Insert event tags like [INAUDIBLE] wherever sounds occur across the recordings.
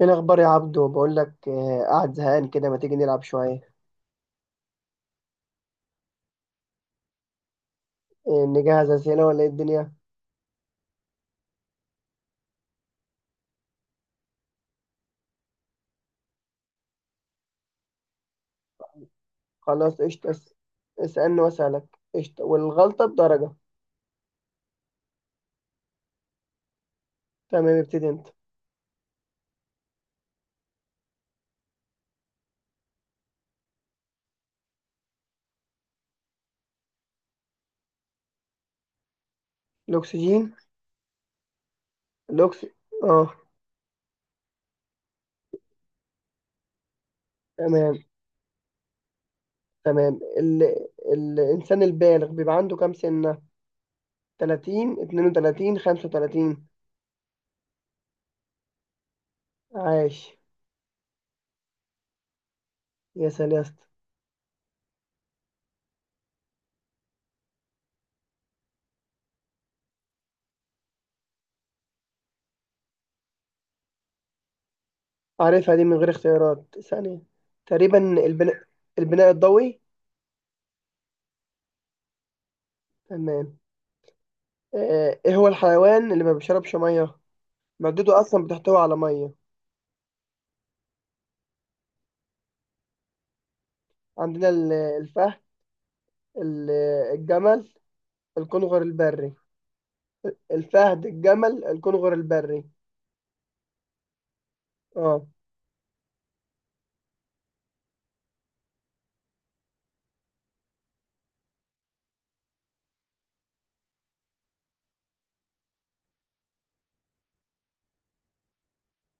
ايه الاخبار يا عبدو؟ بقول لك، قاعد زهقان كده، ما تيجي نلعب شويه؟ نجهز اسئله ولا ايه الدنيا؟ خلاص قشطه. اسالني واسالك. قشطه، والغلطه بدرجه. تمام، ابتدي انت. الاكسجين. الاكس اه. تمام. تمام. الانسان البالغ بيبقى عنده كام سنه؟ 30، 32، 35؟ عاش. يا سلام يا اسطى. عارفها دي من غير اختيارات ثانيه. تقريبا. البناء البناء الضوئي. تمام. ايه هو الحيوان اللي ما بيشربش ميه؟ مادته أصلا بتحتوي على مية. عندنا الفهد، ال- الجمل، الكنغر البري. الفهد، الجمل، الكنغر البري. اه.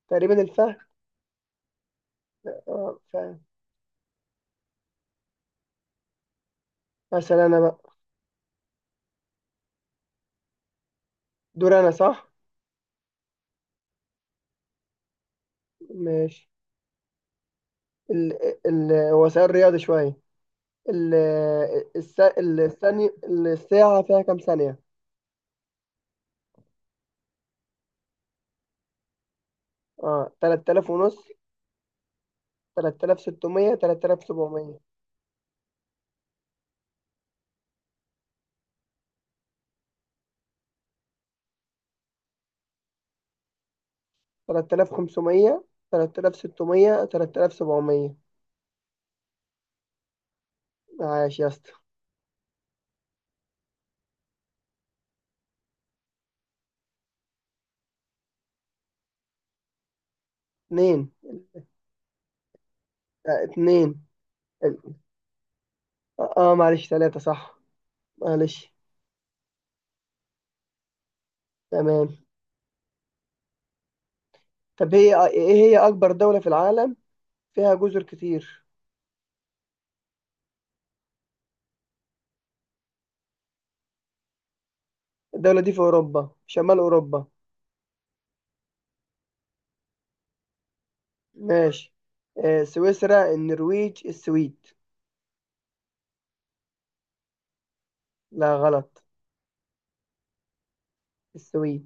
تقريبا الفهد. اه، فهد. مثلا أنا بقى، دور أنا صح؟ ماشي. ال ال هو سؤال رياضي شوية. ال الثانية، الساعة فيها كام ثانية؟ اه، 3500. 3600، 3700. 3500. 3600، تلات آلاف سبعمية. عاش يا اسطى. اتنين. اتنين. اه. اه، معلش، تلاتة صح. معلش. تمام. طب ايه هي أكبر دولة في العالم، فيها جزر كتير؟ الدولة دي في أوروبا، شمال أوروبا. ماشي. سويسرا، النرويج، السويد؟ لا غلط. السويد.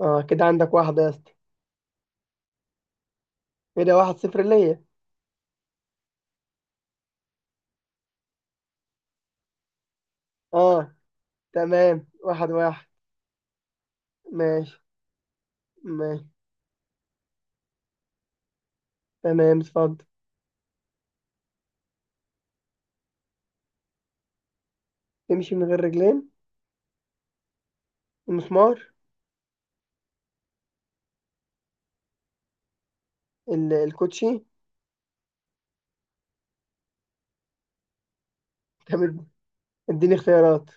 اه، كده عندك واحدة يا اسطى. كده 1-0 ليا. اه. تمام، 1-1. ماشي. ماشي. تمام، اتفضل. تمشي من غير رجلين. المسمار. الكوتشي. تمام. اديني اختيارات.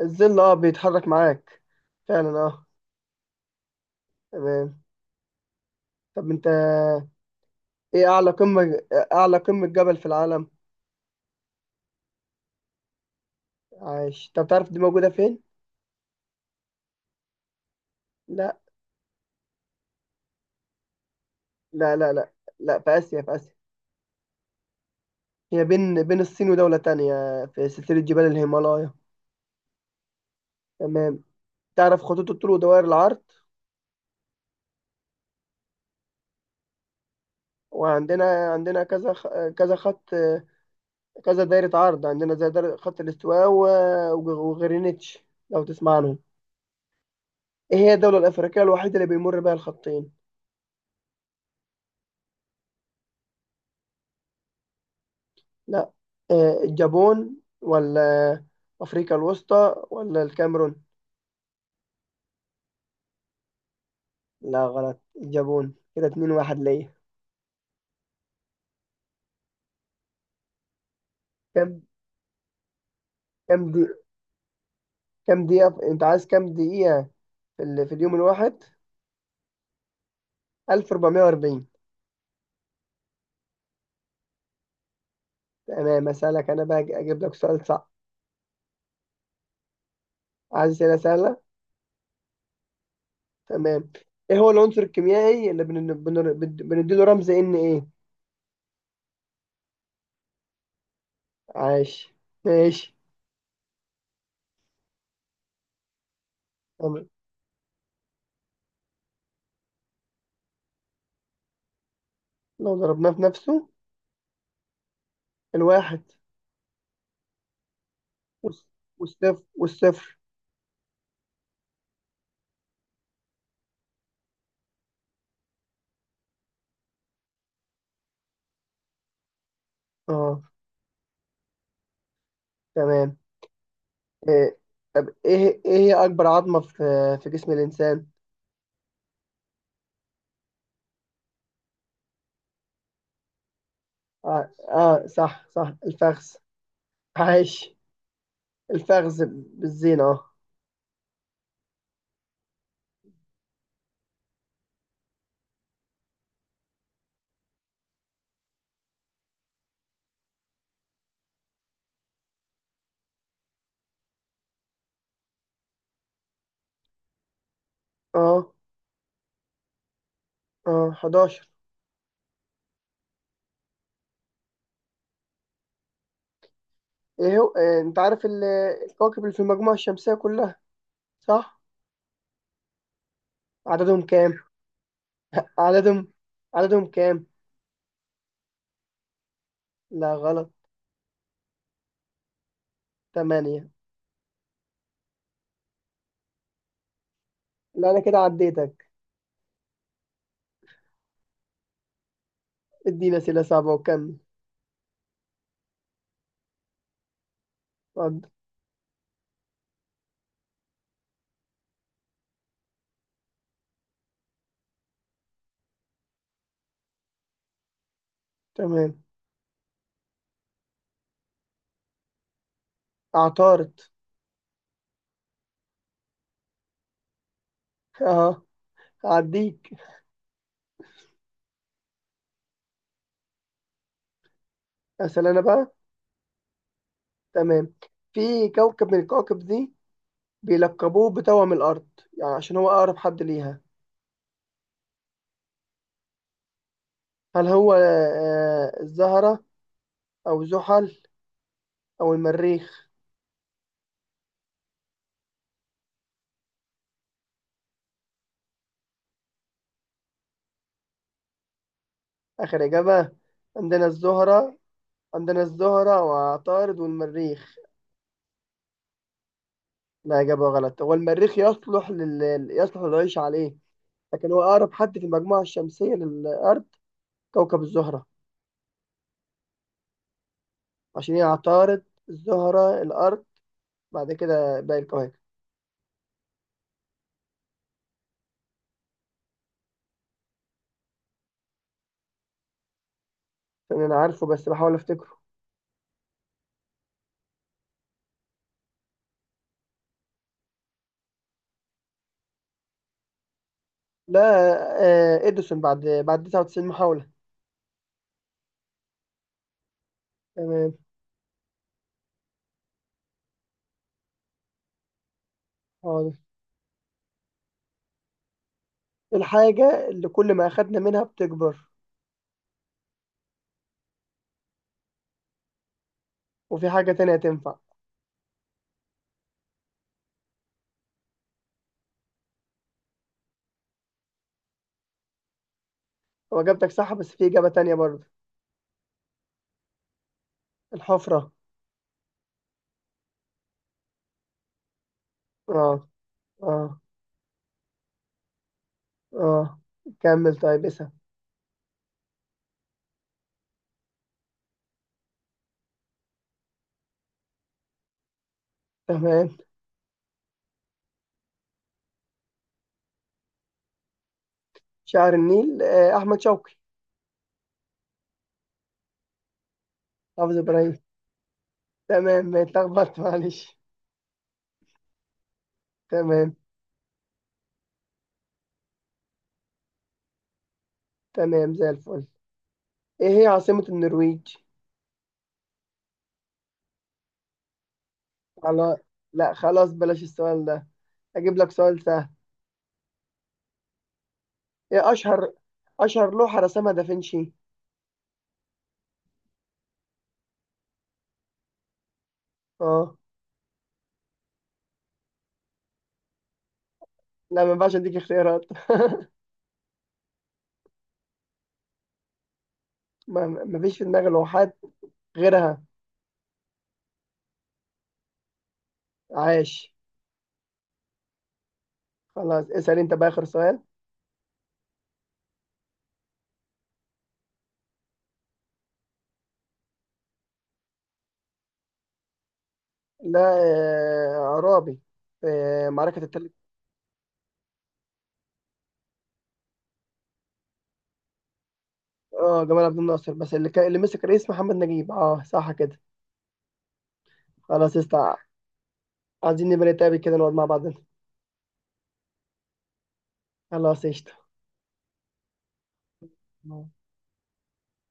الظل، بيتحرك معاك. فعلا، اه. تمام. طب انت، ايه اعلى قمة، اعلى قمة جبل في العالم؟ عايش. طب تعرف دي موجودة فين؟ لا لا. لا، لا. لا، في آسيا، في آسيا. هي بين بين الصين ودولة تانية، في سلسلة جبال الهيمالايا. تمام. تعرف خطوط الطول ودوائر العرض؟ وعندنا كذا خط، كذا دايرة عرض، عندنا زي دايرة خط الاستواء وغرينتش، لو تسمع عنهم. ايه هي الدولة الأفريقية الوحيدة اللي بيمر بها الخطين؟ لا. الجابون، ولا أفريقيا الوسطى، ولا الكاميرون؟ لا غلط، الجابون. كده 2-1 ليا. كم؟ كم دي؟ كم دقيقة أنت عايز كم دقيقة في اليوم الواحد؟ 1440. تمام. أسألك أنا بقى، أجيب لك سؤال صعب. عايز أسئلة سهلة. تمام. إيه هو العنصر الكيميائي اللي بنديله رمز إن إيه؟ عاش. ماشي. تمام. لو ضربناه في نفسه؟ الواحد. والص- والصفر. أه. تمام. آه، ايه هي اكبر عظمة في جسم الانسان؟ اه، آه، صح، صح، الفخذ. عايش. الفخذ بالزينة، اه. اه. اه، 11. ايه هو إيه انت عارف الكواكب اللي في المجموعة الشمسية كلها، صح؟ عددهم كام؟ عددهم عددهم كام؟ لا غلط. 8. لا، انا كده عديتك. ادينا اسئلة صعبة وكمل. اتفضل. تمام. اعترض. اه، هعديك. اسال انا بقى. تمام. في كوكب من الكواكب دي، بيلقبوه بتوأم الأرض، يعني عشان هو أقرب حد ليها. هل هو الزهرة، أو زحل، أو المريخ؟ آخر إجابة. عندنا الزهرة. عندنا الزهرة، وعطارد، والمريخ. لا، إجابة غلط. هو المريخ يصلح يصلح للعيش عليه، لكن هو أقرب حد في المجموعة الشمسية للأرض كوكب الزهرة. عشان هي عطارد، الزهرة، الأرض، بعد كده باقي الكواكب. أنا عارفه، بس بحاول أفتكره. لا. إديسون بعد 99 محاولة. تمام. خالص. الحاجة اللي كل ما أخدنا منها بتكبر. وفي حاجة تانية تنفع. هو إجابتك صح، بس في إجابة تانية برضه. الحفرة. آه. آه. آه. كمل، طيب اسأل. تمام. شعر النيل، أحمد شوقي. حافظ إبراهيم. تمام، ما اتلخبطت، معلش. تمام. تمام، زي الفل. إيه هي عاصمة النرويج؟ على. لا، خلاص بلاش السؤال ده. أجيب لك سؤال سهل. إيه أشهر لوحة رسمها دافنشي؟ آه. لا، ما ينفعش أديك اختيارات. [LAUGHS] ما فيش في دماغي لوحات غيرها. عاش. خلاص، اسأل انت بقى آخر سؤال. لا. عرابي. معركة التلج. اه، جمال عبد الناصر، بس اللي مسك رئيس محمد نجيب، اه صح كده. خلاص. عايزين نبقى نتقابل كده، نقعد مع بعضنا. خلاص قشطة.